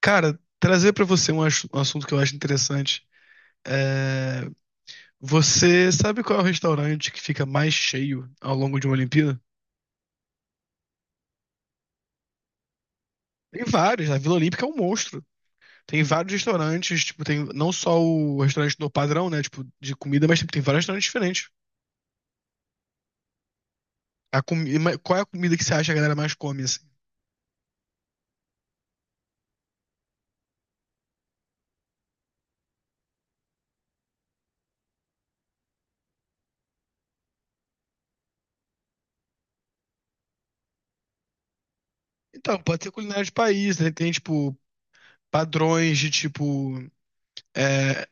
Cara, trazer pra você um assunto que eu acho interessante. É, você sabe qual é o restaurante que fica mais cheio ao longo de uma Olimpíada? Tem vários, a Vila Olímpica é um monstro. Tem vários restaurantes, tipo, tem não só o restaurante do padrão, né, tipo, de comida, mas tipo, tem vários restaurantes diferentes. Qual é a comida que você acha que a galera mais come, assim? Então, pode ser culinária de país, né? Tem, tipo, padrões de, tipo, é, é,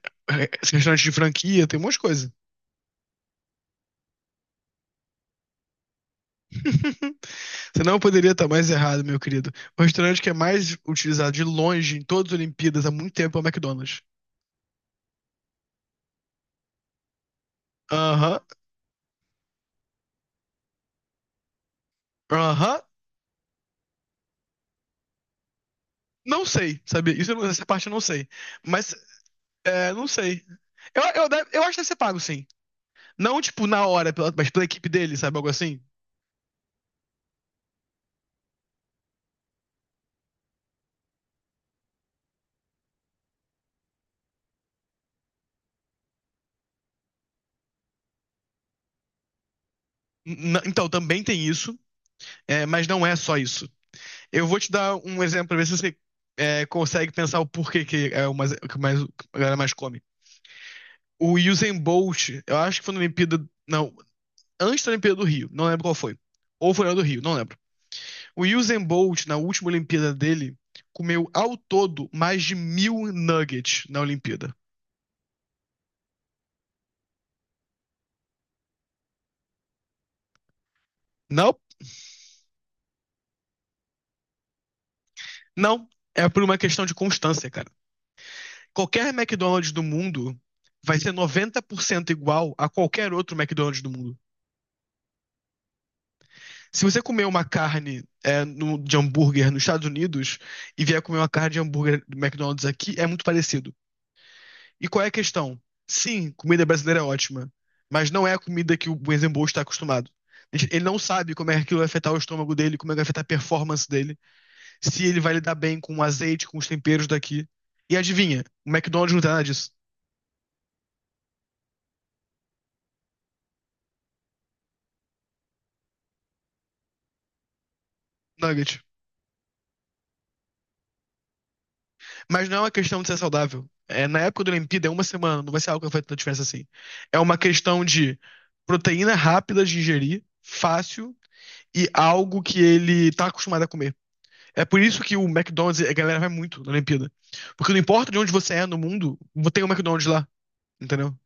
restaurantes de franquia, tem um monte de coisa. Você não poderia estar mais errado, meu querido. O restaurante que é mais utilizado de longe em todas as Olimpíadas há muito tempo é o McDonald's. Aham, aham. Não sei, sabe? Isso, eu não- essa parte eu não sei. Mas, é, não sei. Eu acho que deve ser pago, sim. Não, tipo, mas pela equipe dele, sabe? Algo assim. Então, também tem isso, é, mas não é só isso. Eu vou te dar um exemplo pra ver se você consegue pensar o porquê que é o mais, o que mais, a galera mais come. O Usain Bolt, eu acho que foi na Olimpíada. Não, antes da Olimpíada do Rio, não lembro qual foi. Ou foi na do Rio, não lembro. O Usain Bolt, na última Olimpíada dele, comeu ao todo mais de 1.000 nuggets na Olimpíada. Não, não. É por uma questão de constância, cara. Qualquer McDonald's do mundo vai ser 90% igual a qualquer outro McDonald's do mundo. Se você comer uma carne de hambúrguer nos Estados Unidos e vier comer uma carne de hambúrguer do McDonald's aqui, é muito parecido. E qual é a questão? Sim, comida brasileira é ótima, mas não é a comida que o Usain Bolt está acostumado. Ele não sabe como é que aquilo vai afetar o estômago dele, como é que vai afetar a performance dele, se ele vai lidar bem com o azeite, com os temperos daqui. E adivinha, o McDonald's não tem nada disso. Nugget. Mas não é uma questão de ser saudável. É, na época do Olimpíada, é uma semana, não vai ser algo que vai fazer tanta diferença assim. É uma questão de proteína rápida de ingerir, fácil, e algo que ele tá acostumado a comer. É por isso que o McDonald's, a galera vai muito na Olimpíada. Porque não importa de onde você é no mundo, tem um McDonald's lá, entendeu?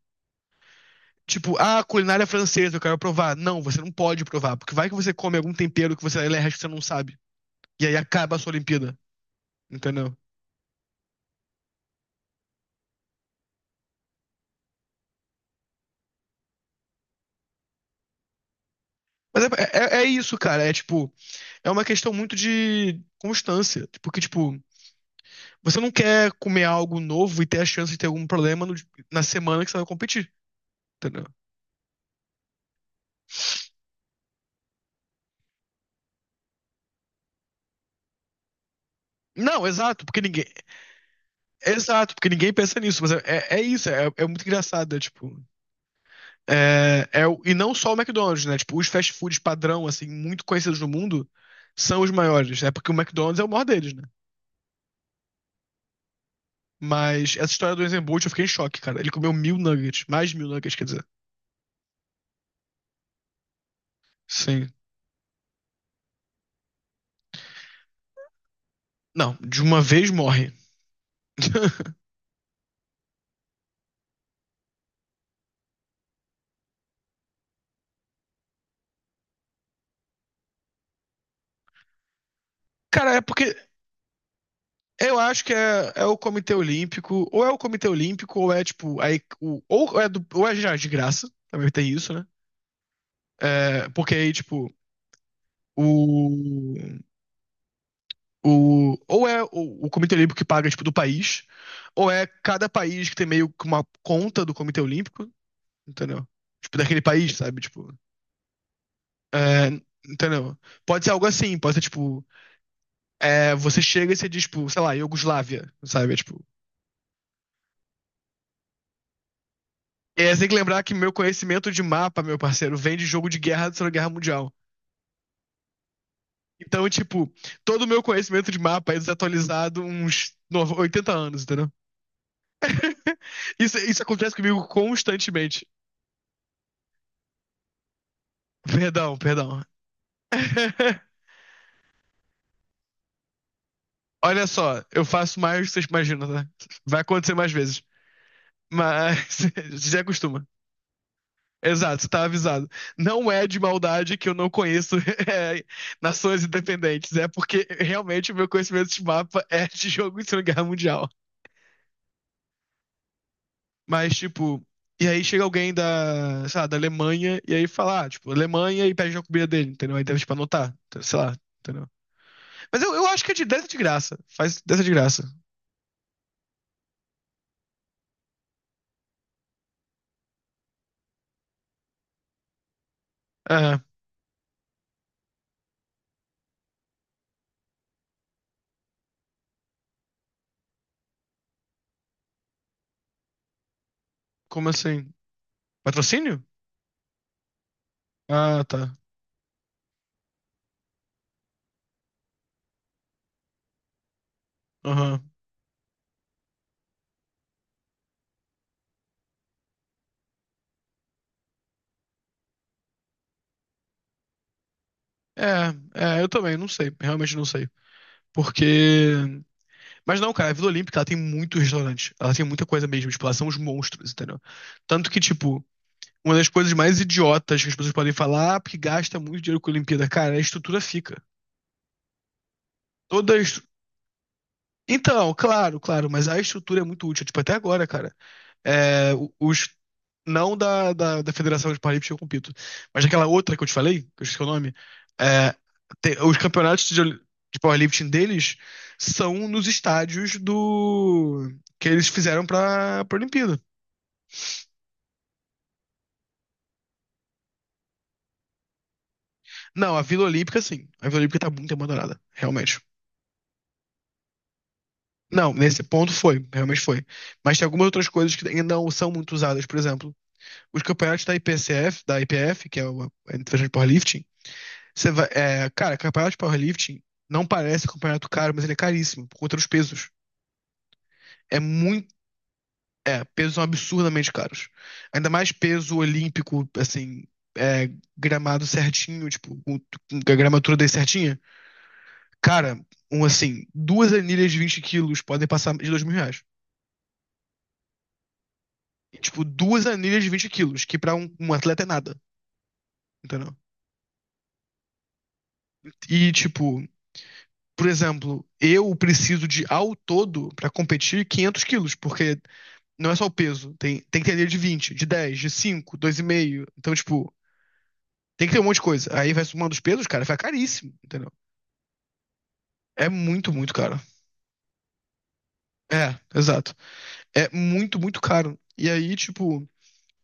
Tipo, ah, culinária francesa, eu quero provar. Não, você não pode provar, porque vai que você come algum tempero que você não sabe. E aí acaba a sua Olimpíada, entendeu? Mas é isso, cara. É tipo, é uma questão muito de constância. Porque, tipo, você não quer comer algo novo e ter a chance de ter algum problema na semana que você vai competir, entendeu? Não, exato, porque ninguém. Exato, porque ninguém pensa nisso, mas é muito engraçado, é tipo. E não só o McDonald's, né? Tipo, os fast foods padrão, assim, muito conhecidos no mundo, são os maiores, né? Porque o McDonald's é o maior deles, né? Mas essa história do Usain Bolt, eu fiquei em choque, cara. Ele comeu 1.000 nuggets, mais de mil nuggets, quer dizer. Sim. Não, de uma vez morre. Cara, é porque eu acho que é o Comitê Olímpico, ou é o Comitê Olímpico, ou é tipo, aí, o, ou é do, ou é já de graça, também tem isso, né? É, porque aí, tipo, o O, ou é o Comitê Olímpico que paga, tipo, do país, ou é cada país que tem meio que uma conta do Comitê Olímpico, entendeu? Tipo, daquele país, sabe? Tipo, é, entendeu? Pode ser algo assim, pode ser, tipo, é, você chega e você diz, tipo, sei lá, Iugoslávia, sabe? É, tipo, é, você tem que lembrar que meu conhecimento de mapa, meu parceiro, vem de jogo de guerra da Segunda Guerra Mundial. Então, tipo, todo o meu conhecimento de mapa é desatualizado uns 80 anos, entendeu? Isso acontece comigo constantemente. Perdão, perdão. Olha só, eu faço mais do que vocês imaginam, tá? Vai acontecer mais vezes. Mas já acostuma. Exato, você tá avisado. Não é de maldade que eu não conheço é, nações independentes. É porque realmente o meu conhecimento de mapa é de jogo de Segunda Guerra Mundial. Mas, tipo, e aí chega alguém da, sei lá, da Alemanha e aí fala, ah, tipo, Alemanha e pede a comida dele, entendeu? Aí deve, tipo, anotar, sei lá, entendeu? Mas eu acho que é de dessa de graça. Faz dessa de graça. É, como assim? Patrocínio? Ah, tá. Aham. Eu também, não sei. Realmente não sei. Porque. Mas não, cara, a Vila Olímpica, ela tem muito restaurante. Ela tem muita coisa mesmo. Tipo, ela são os monstros, entendeu? Tanto que, tipo, uma das coisas mais idiotas que as pessoas podem falar, ah, porque gasta muito dinheiro com a Olimpíada. Cara, a estrutura fica. Toda a estru... Então, claro, claro, mas a estrutura é muito útil. Tipo, até agora, cara. É, os não da Federação de Paralímpico eu compito, mas aquela outra que eu te falei, que eu esqueci o nome, é, os campeonatos de powerlifting deles são nos estádios do que eles fizeram para a Olimpíada. Não, a Vila Olímpica sim, a Vila Olímpica tá muito abandonada, realmente. Não, nesse ponto foi, realmente foi. Mas tem algumas outras coisas que ainda não são muito usadas, por exemplo, os campeonatos da IPCF, da IPF, que é a Federação de Powerlifting. Você vai, é, cara, campeonato de powerlifting não parece campeonato caro, mas ele é caríssimo por conta dos pesos. É muito. É, pesos são absurdamente caros. Ainda mais peso olímpico, assim, é, gramado certinho, tipo, com a gramatura dele certinha. Cara, um assim, duas anilhas de 20 quilos podem passar de 2.000 reais. E, tipo, duas anilhas de 20 quilos, que pra um atleta é nada, entendeu? E, tipo, por exemplo, eu preciso de, ao todo, pra competir, 500 quilos, porque não é só o peso. Tem, tem que ter dele de 20, de 10, de cinco, dois e meio. Então, tipo, tem que ter um monte de coisa. Aí vai somando os pesos, cara, fica caríssimo, entendeu? É muito, muito caro. É, exato. É muito, muito caro. E aí, tipo,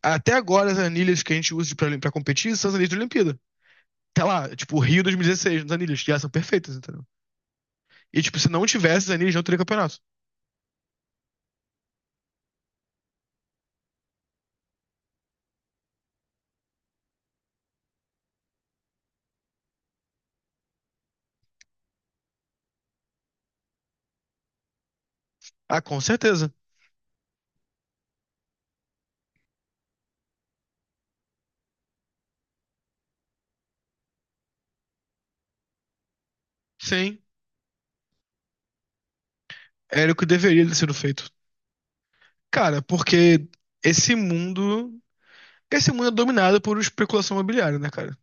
até agora as anilhas que a gente usa pra competir são as anilhas de Olimpíada. Tá lá, tipo, Rio 2016, nas anilhas, que elas são perfeitas, entendeu? E, tipo, se não tivesse as anilhas, não teria campeonato. Ah, com certeza. Sim, era o que deveria ter sido feito. Cara, porque esse mundo porque esse mundo é dominado por especulação imobiliária, né, cara?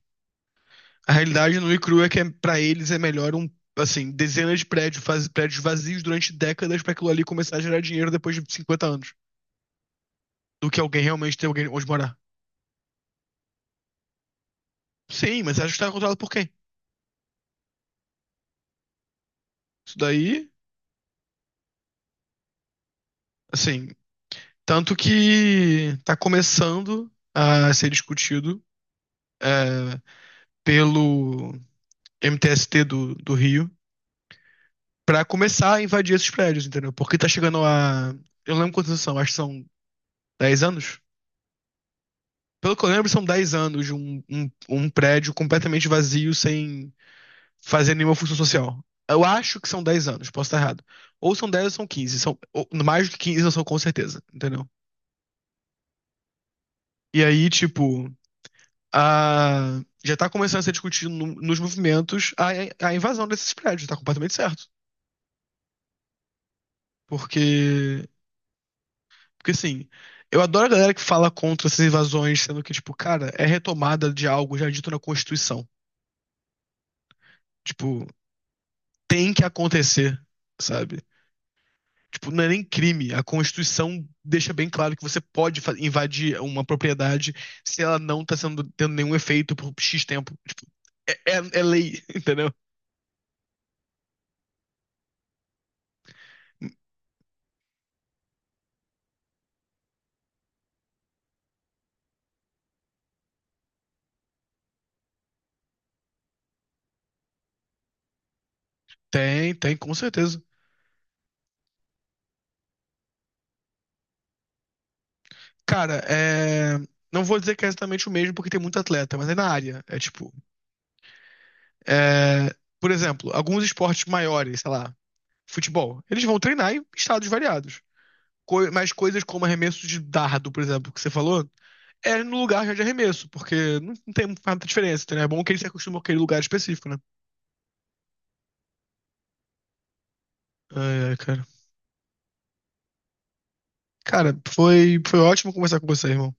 A realidade nua e crua é que para eles é melhor assim, dezenas de prédios, prédios vazios durante décadas pra aquilo ali começar a gerar dinheiro depois de 50 anos, do que alguém realmente ter alguém onde morar. Sim, mas acho que tá controlado por quem? Isso daí, assim, tanto que tá começando a ser discutido é, pelo MTST do Rio pra começar a invadir esses prédios, entendeu? Porque tá chegando a. Eu não lembro quantos anos são, acho que são 10 anos. Pelo que eu lembro, são 10 anos de um prédio completamente vazio, sem fazer nenhuma função social. Eu acho que são 10 anos, posso estar errado. Ou são 10 ou são 15? São, mais do que 15 eu sou com certeza, entendeu? E aí, tipo, a, já tá começando a ser discutido nos movimentos a invasão desses prédios, tá completamente certo. Porque, porque assim, eu adoro a galera que fala contra essas invasões, sendo que, tipo, cara, é retomada de algo já dito na Constituição. Tipo, tem que acontecer, sabe? Tipo, não é nem crime. A Constituição deixa bem claro que você pode invadir uma propriedade se ela não tá sendo, tendo nenhum efeito por X tempo. É lei, entendeu? Tem, tem, com certeza. Cara, é... Não vou dizer que é exatamente o mesmo, porque tem muito atleta, mas é na área. É tipo. É, por exemplo, alguns esportes maiores, sei lá, futebol, eles vão treinar em estados variados. Mas coisas como arremesso de dardo, por exemplo, que você falou. É no lugar de arremesso, porque não tem muita diferença, entendeu? É bom que ele se acostuma com aquele lugar específico, né? Ai, ai, cara. Cara, foi ótimo conversar com você, irmão.